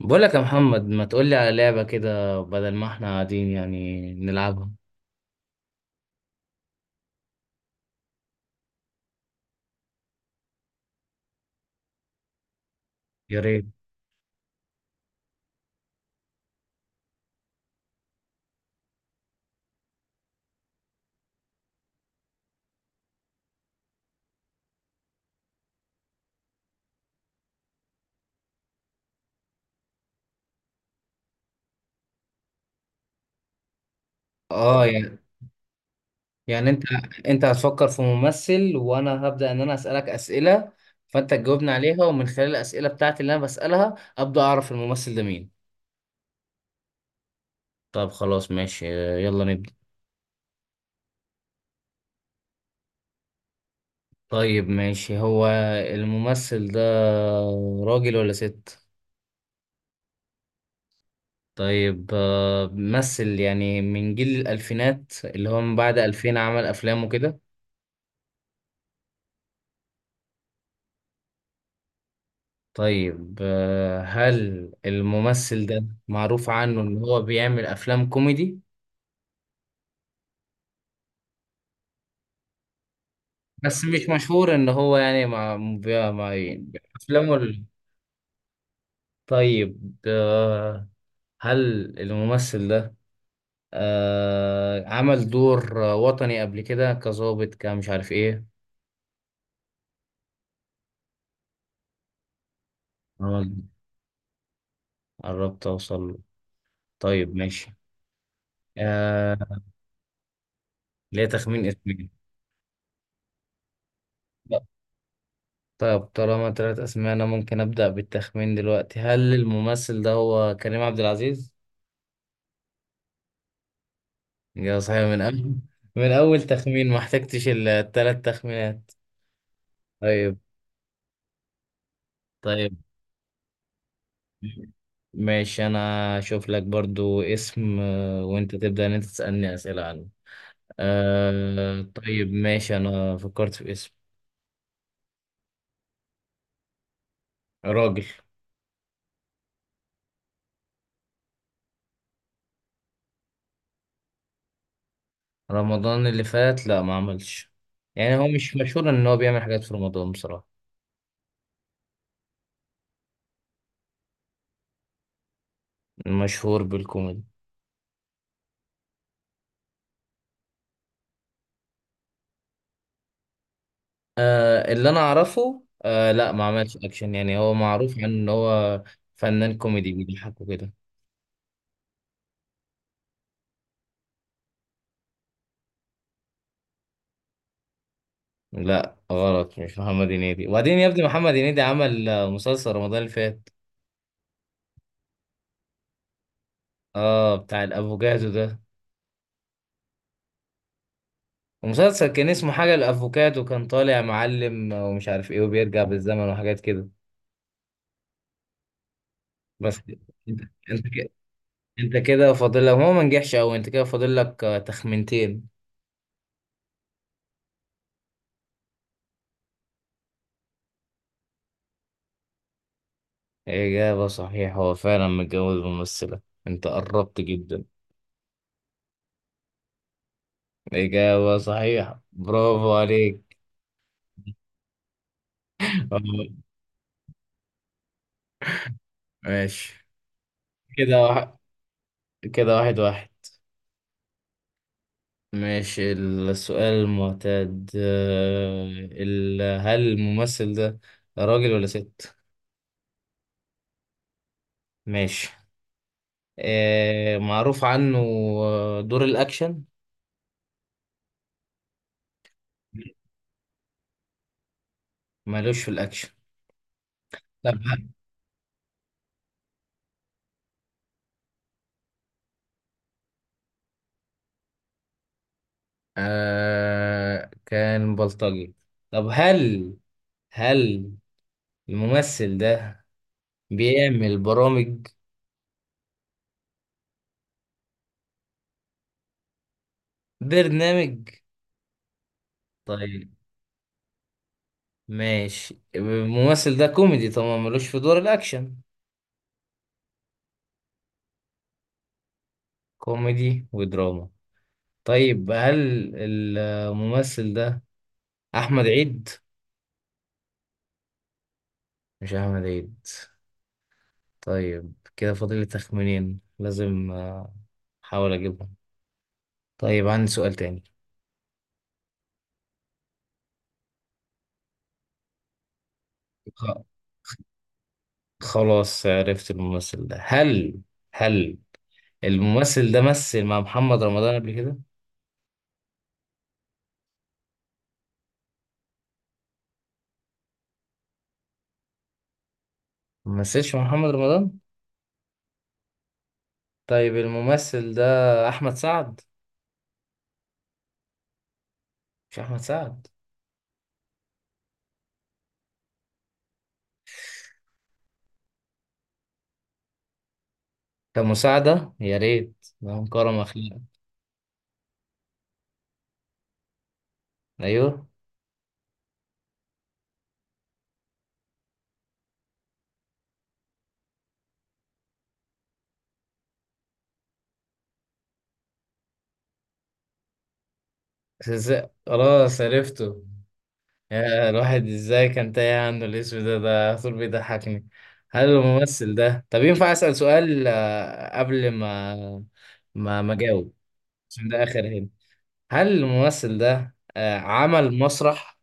بقولك يا محمد، ما تقولي على لعبة كده بدل ما احنا قاعدين يعني نلعبها؟ يا ريت. اه، يعني. يعني انت هتفكر في ممثل، وانا هبدأ ان انا اسألك اسئلة فانت تجاوبني عليها، ومن خلال الاسئلة بتاعتي اللي انا بسألها ابدأ اعرف الممثل ده مين. طب خلاص ماشي. يلا نبدأ. طيب ماشي، هو الممثل ده راجل ولا ست؟ طيب ممثل يعني من جيل الألفينات، اللي هو من بعد 2000 عمل أفلام وكده. طيب هل الممثل ده معروف عنه ان هو بيعمل افلام كوميدي؟ بس مش مشهور ان هو يعني مع مع افلامه. طيب هل الممثل ده عمل دور وطني قبل كده، كظابط كمش عارف ايه؟ عمل- قربت اوصل له. طيب ماشي. آه، ليه تخمين اسمه. طب طالما تلات أسماء، أنا ممكن أبدأ بالتخمين دلوقتي. هل الممثل ده هو كريم عبد العزيز؟ يا صحيح، من أول من أول تخمين، ما احتجتش التلات تخمينات. طيب. طيب ماشي، أنا أشوف لك برضو اسم وأنت تبدأ إن أنت تسألني أسئلة عنه. طيب ماشي، أنا فكرت في اسم. راجل. رمضان اللي فات لا، ما عملش. يعني هو مش مشهور إن هو بيعمل حاجات في رمضان بصراحة. مشهور بالكوميدي. آه، اللي انا اعرفه، آه لا، ما عملش اكشن. يعني هو معروف عنه ان هو فنان كوميدي بيضحك وكده. لا غلط، مش محمد هنيدي. وبعدين يا ابني، محمد هنيدي عمل مسلسل رمضان اللي فات. اه بتاع الافوكادو ده. المسلسل كان اسمه حاجة الافوكادو، كان طالع معلم ومش عارف ايه، وبيرجع بالزمن وحاجات كده. بس انت، انت كده انت كده فاضل لك. هو ما نجحش قوي. انت كده فاضل لك تخمنتين. اجابة صحيحة، هو فعلا متجوز ممثلة. انت قربت جدا. إجابة صحيحة، برافو عليك. ماشي. كده واحد. كده واحد واحد. ماشي، السؤال المعتاد. هل الممثل ده راجل ولا ست؟ ماشي. معروف عنه دور الأكشن. مالوش في الأكشن. طب آه، كان بلطجي. طب هل الممثل ده بيعمل برامج؟ برنامج. طيب. ماشي، الممثل ده كوميدي طبعا، ملوش في دور الأكشن. كوميدي ودراما. طيب، هل الممثل ده أحمد عيد؟ مش أحمد عيد. طيب كده فاضل لي تخمينين، لازم أحاول أجيبهم. طيب عندي سؤال تاني. خ- خلاص عرفت الممثل ده. هل الممثل ده مثل مع محمد رمضان قبل كده؟ ما مثلش مع محمد رمضان؟ طيب الممثل ده أحمد سعد؟ مش أحمد سعد. كمساعدة يا ريت، اللهم كرم أخيرا. أيوه. خلاص عرفته. يا الواحد إزاي كان تايه عنه الاسم ده على طول بيضحكني. هل الممثل ده، طب ينفع أسأل سؤال قبل ما، ما أجاوب؟ عشان ده آخر هنا. هل الممثل ده عمل مسرح؟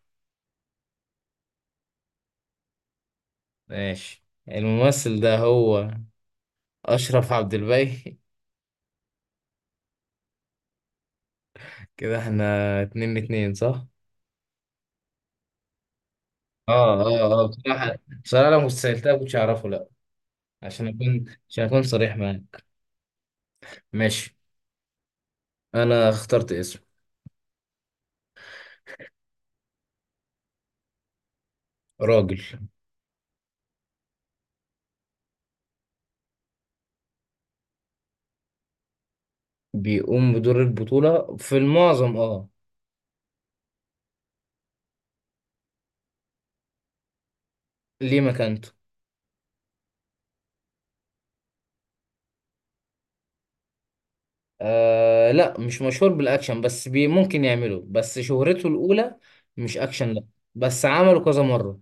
ماشي، الممثل ده هو أشرف عبد الباقي. كده احنا اتنين اتنين، صح؟ اه، اه. اه بصراحة، بصراحة لو كنت سألتها كنتش أعرفه، لا. عشان أكون عشان أكون صريح معاك. ماشي. أنا اخترت اسم. راجل. بيقوم بدور البطولة في المعظم، اه. ليه مكانته. آه لا، مش مشهور بالأكشن، بس ممكن يعمله، بس شهرته الأولى مش أكشن لا. بس عمله كذا مرة.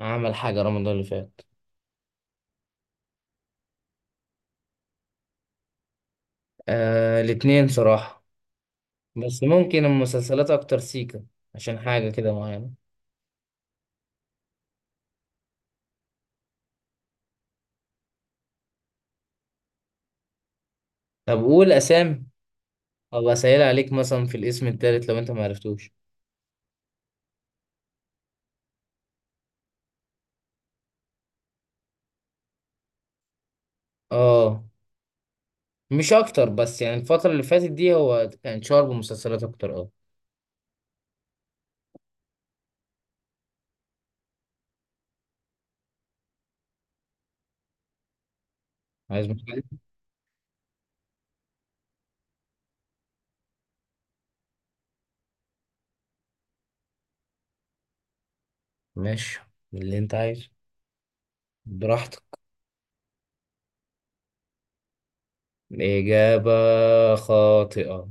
عمل حاجة رمضان اللي فات. آه الاتنين صراحة. بس ممكن المسلسلات أكتر سيكا، عشان حاجة كده معينة. طب قول أسامي، أو أسهل عليك مثلا في الاسم التالت لو أنت معرفتوش. اه. مش اكتر، بس يعني الفترة اللي فاتت دي هو كان شهر بمسلسلات اكتر، اه. عايز مسلسل. ماشي، اللي انت عايزه، براحتك. اجابة خاطئة.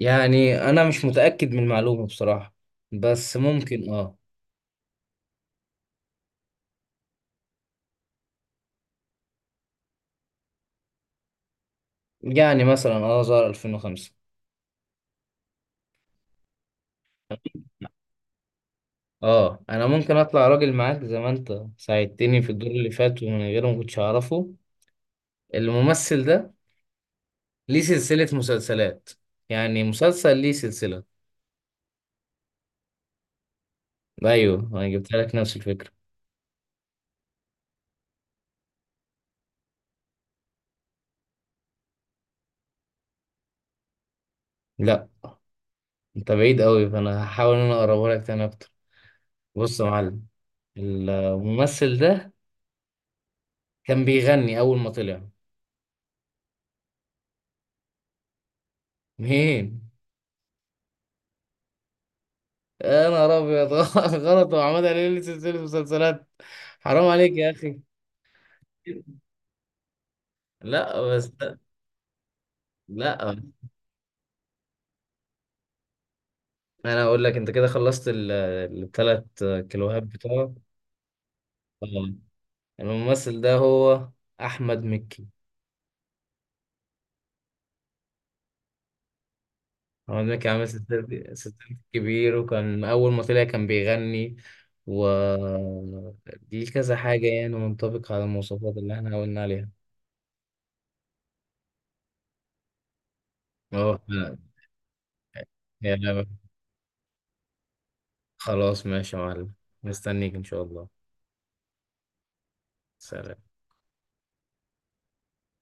يعني انا مش متأكد من المعلومة بصراحة، بس ممكن اه. يعني مثلا اه، ظهر 2005. اه، انا ممكن اطلع راجل معاك زي ما انت ساعدتني في الدور اللي فات، ومن غيره ما كنتش اعرفه. الممثل ده ليه سلسلة مسلسلات، يعني مسلسل ليه سلسلة. ايوه انا جبت لك نفس الفكرة. لا، انت بعيد قوي، فانا هحاول ان انا اقربها لك تاني اكتر. بص يا معلم، الممثل ده كان بيغني اول ما طلع. مين؟ يا نهار ابيض، غلط، وعماد هلال ليه سلسله مسلسلات؟ حرام عليك يا اخي. لا بس. لا. انا اقول لك انت كده خلصت الثلاث كيلوهات بتوعك. آه. الممثل ده هو احمد مكي. هو ده كان عامل ستات ستات كبير، وكان أول ما طلع كان بيغني، و دي كذا حاجة يعني منطبق على المواصفات اللي احنا قلنا عليها. اه لا. يا لا. خلاص ماشي يا معلم، مستنيك إن شاء الله. سلام.